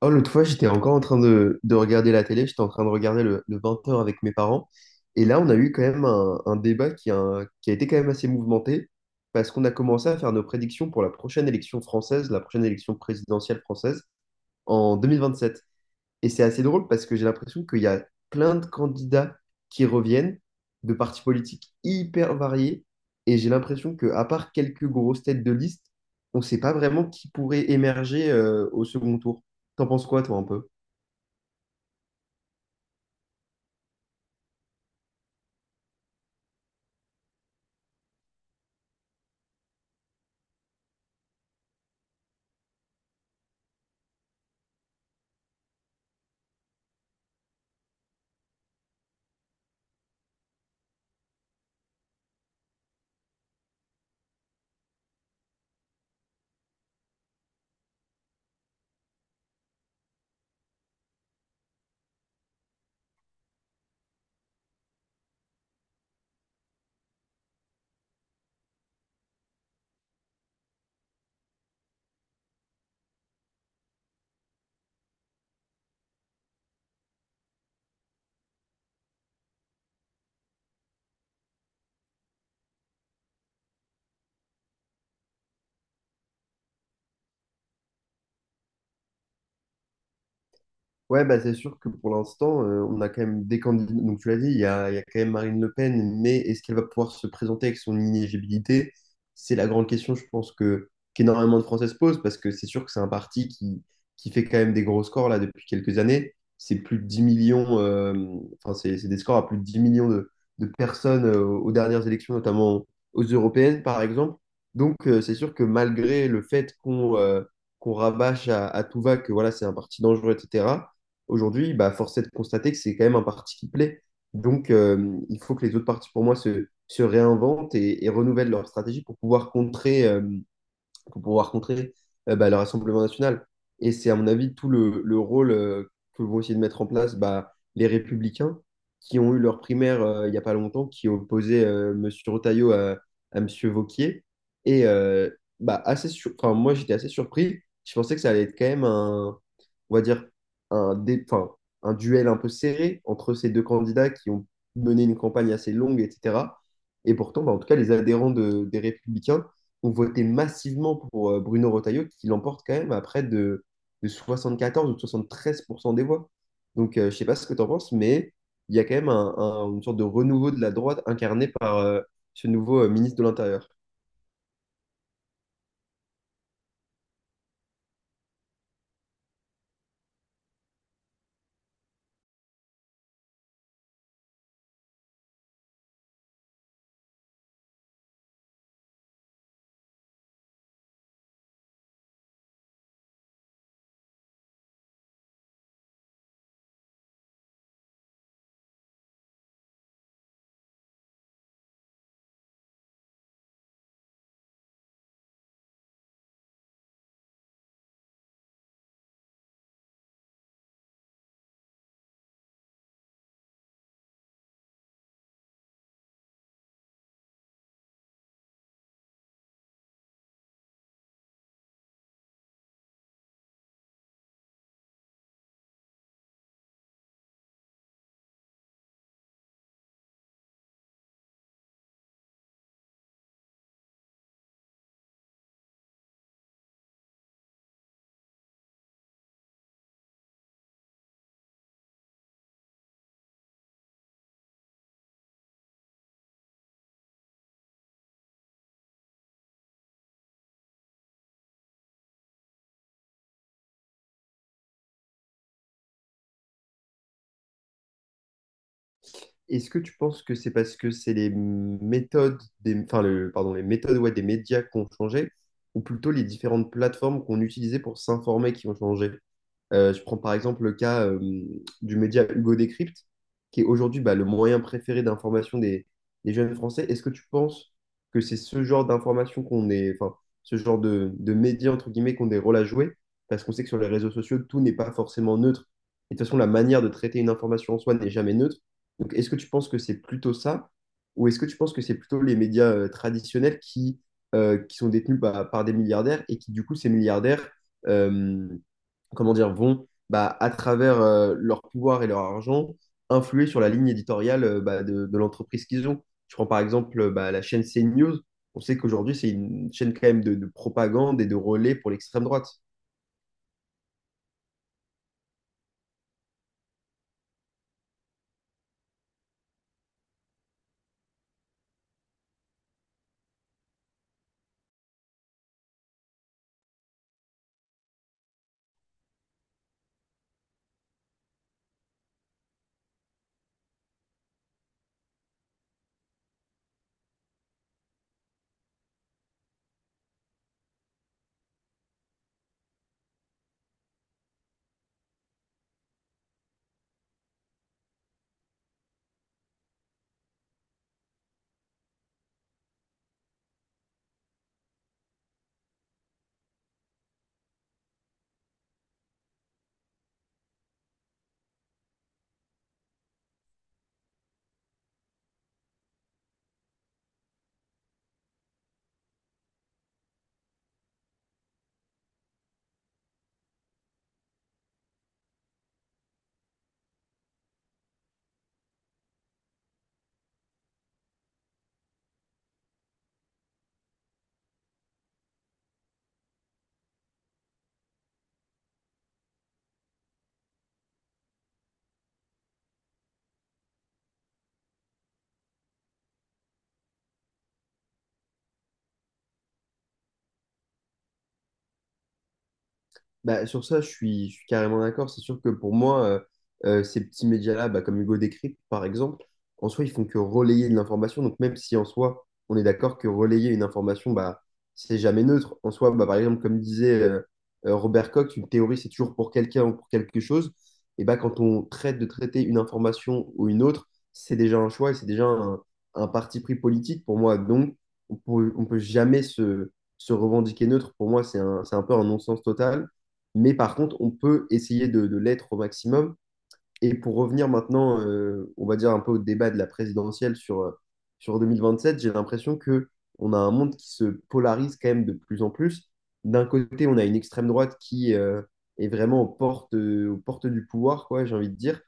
Oh, l'autre fois, j'étais encore en train de regarder la télé, j'étais en train de regarder le 20 heures avec mes parents. Et là, on a eu quand même un débat qui a été quand même assez mouvementé, parce qu'on a commencé à faire nos prédictions pour la prochaine élection française, la prochaine élection présidentielle française, en 2027. Et c'est assez drôle parce que j'ai l'impression qu'il y a plein de candidats qui reviennent de partis politiques hyper variés. Et j'ai l'impression que, à part quelques grosses têtes de liste, on ne sait pas vraiment qui pourrait émerger au second tour. T'en penses quoi, toi, un peu? Ouais, bah, c'est sûr que pour l'instant, on a quand même des candidats. Donc, tu l'as dit, il y a quand même Marine Le Pen, mais est-ce qu'elle va pouvoir se présenter avec son inéligibilité? C'est la grande question, je pense, que qu'énormément de Français se posent, parce que c'est sûr que c'est un parti qui fait quand même des gros scores là depuis quelques années. C'est plus de 10 millions, enfin, c'est des scores à plus de 10 millions de personnes aux dernières élections, notamment aux européennes, par exemple. Donc, c'est sûr que malgré le fait qu'on qu'on rabâche à tout va que voilà, c'est un parti dangereux, etc. Aujourd'hui, bah, force est de constater que c'est quand même un parti qui plaît. Donc, il faut que les autres partis, pour moi, se réinventent et renouvellent leur stratégie pour pouvoir contrer, pour pouvoir contrer bah, le Rassemblement national. Et c'est, à mon avis, tout le rôle que vont essayer de mettre en place bah, les Républicains, qui ont eu leur primaire il n'y a pas longtemps, qui opposait M. Retailleau à M. Vauquier. Et assez enfin, moi, j'étais assez surpris. Je pensais que ça allait être quand même un, on va dire, un, dé- enfin, un duel un peu serré entre ces deux candidats qui ont mené une campagne assez longue, etc. Et pourtant, bah, en tout cas, les adhérents des Républicains ont voté massivement pour Bruno Retailleau, qui l'emporte quand même à près de 74 ou 73% des voix. Donc, je ne sais pas ce que tu en penses, mais il y a quand même une sorte de renouveau de la droite incarné par ce nouveau ministre de l'Intérieur. Est-ce que tu penses que c'est parce que c'est les méthodes enfin, pardon, les méthodes, ouais, des médias qui ont changé, ou plutôt les différentes plateformes qu'on utilisait pour s'informer qui ont changé? Je prends par exemple le cas du média Hugo Décrypte, qui est aujourd'hui bah, le moyen préféré d'information des jeunes Français. Est-ce que tu penses que c'est ce genre d'information qu'on est, enfin, ce genre de médias, entre guillemets, qu'on des rôles à jouer? Parce qu'on sait que sur les réseaux sociaux, tout n'est pas forcément neutre. Et de toute façon, la manière de traiter une information en soi n'est jamais neutre. Donc, est-ce que tu penses que c'est plutôt ça? Ou est-ce que tu penses que c'est plutôt les médias traditionnels qui, qui sont détenus bah, par des milliardaires et qui, du coup, ces milliardaires... euh, comment dire, vont, bah, à travers leur pouvoir et leur argent, influer sur la ligne éditoriale bah, de l'entreprise qu'ils ont. Je prends par exemple bah, la chaîne CNews. On sait qu'aujourd'hui, c'est une chaîne quand même de propagande et de relais pour l'extrême droite. Bah, sur ça, je suis carrément d'accord. C'est sûr que pour moi, ces petits médias-là, bah, comme Hugo Décrypte, par exemple, en soi, ils font que relayer de l'information. Donc, même si en soi, on est d'accord que relayer une information, bah, c'est jamais neutre. En soi, bah, par exemple, comme disait Robert Cox, une théorie, c'est toujours pour quelqu'un ou pour quelque chose. Et bah, quand on traite de traiter une information ou une autre, c'est déjà un choix et c'est déjà un parti pris politique pour moi. Donc, on peut jamais se revendiquer neutre. Pour moi, c'est un peu un non-sens total. Mais par contre, on peut essayer de l'être au maximum. Et pour revenir maintenant, on va dire un peu au débat de la présidentielle sur 2027, j'ai l'impression que on a un monde qui se polarise quand même de plus en plus. D'un côté, on a une extrême droite qui est vraiment aux portes du pouvoir, quoi, j'ai envie de dire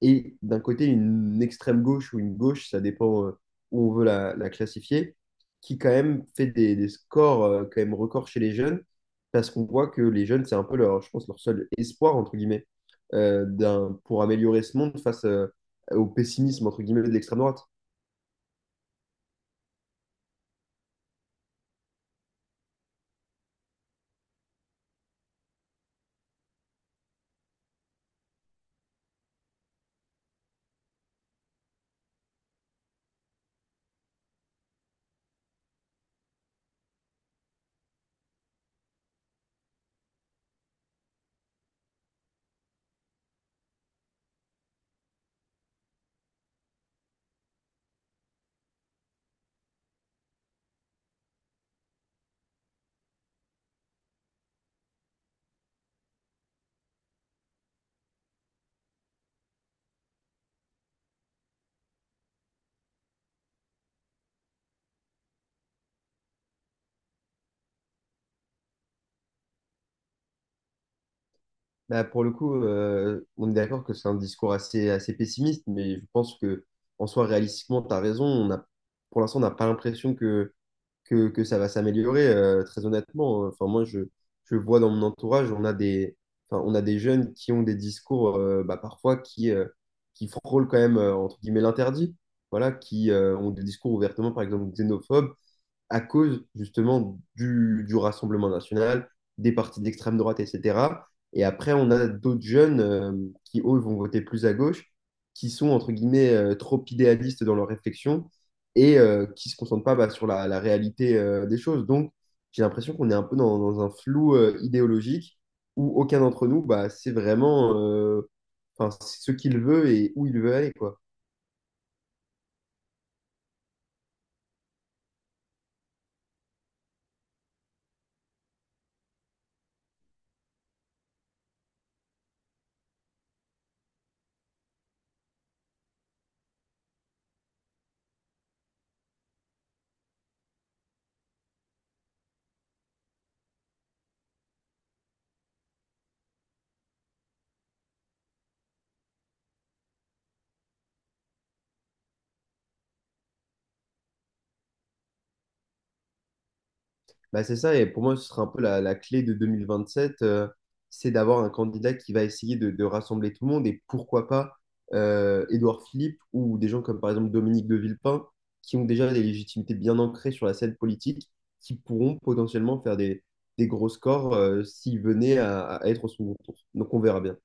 et d'un côté une extrême gauche ou une gauche, ça dépend où on veut la classifier, qui quand même fait des scores quand même records chez les jeunes, parce qu'on voit que les jeunes, c'est un peu leur, je pense, leur seul espoir, entre guillemets, pour améliorer ce monde face au pessimisme, entre guillemets, de l'extrême droite. Bah, pour le coup, on est d'accord que c'est un discours assez, assez pessimiste, mais je pense que en soi, réalistiquement, tu as raison. On a, pour l'instant, on n'a pas l'impression que, que ça va s'améliorer, très honnêtement. Enfin, je vois dans mon entourage, on a des, enfin, on a des jeunes qui ont des discours parfois qui frôlent quand même, entre guillemets, l'interdit. Voilà, qui ont des discours ouvertement, par exemple, xénophobes, à cause justement du Rassemblement national, des partis d'extrême droite, etc. Et après, on a d'autres jeunes qui, eux, vont voter plus à gauche, qui sont, entre guillemets, trop idéalistes dans leur réflexion et qui ne se concentrent pas bah, sur la réalité des choses. Donc, j'ai l'impression qu'on est un peu dans un flou idéologique où aucun d'entre nous, bah, c'est vraiment enfin, c'est ce qu'il veut et où il veut aller, quoi. Bah, c'est ça, et pour moi, ce sera un peu la clé de 2027, c'est d'avoir un candidat qui va essayer de rassembler tout le monde, et pourquoi pas Édouard Philippe ou des gens comme par exemple Dominique de Villepin, qui ont déjà des légitimités bien ancrées sur la scène politique, qui pourront potentiellement faire des gros scores s'ils venaient à être au second tour. Donc on verra bien.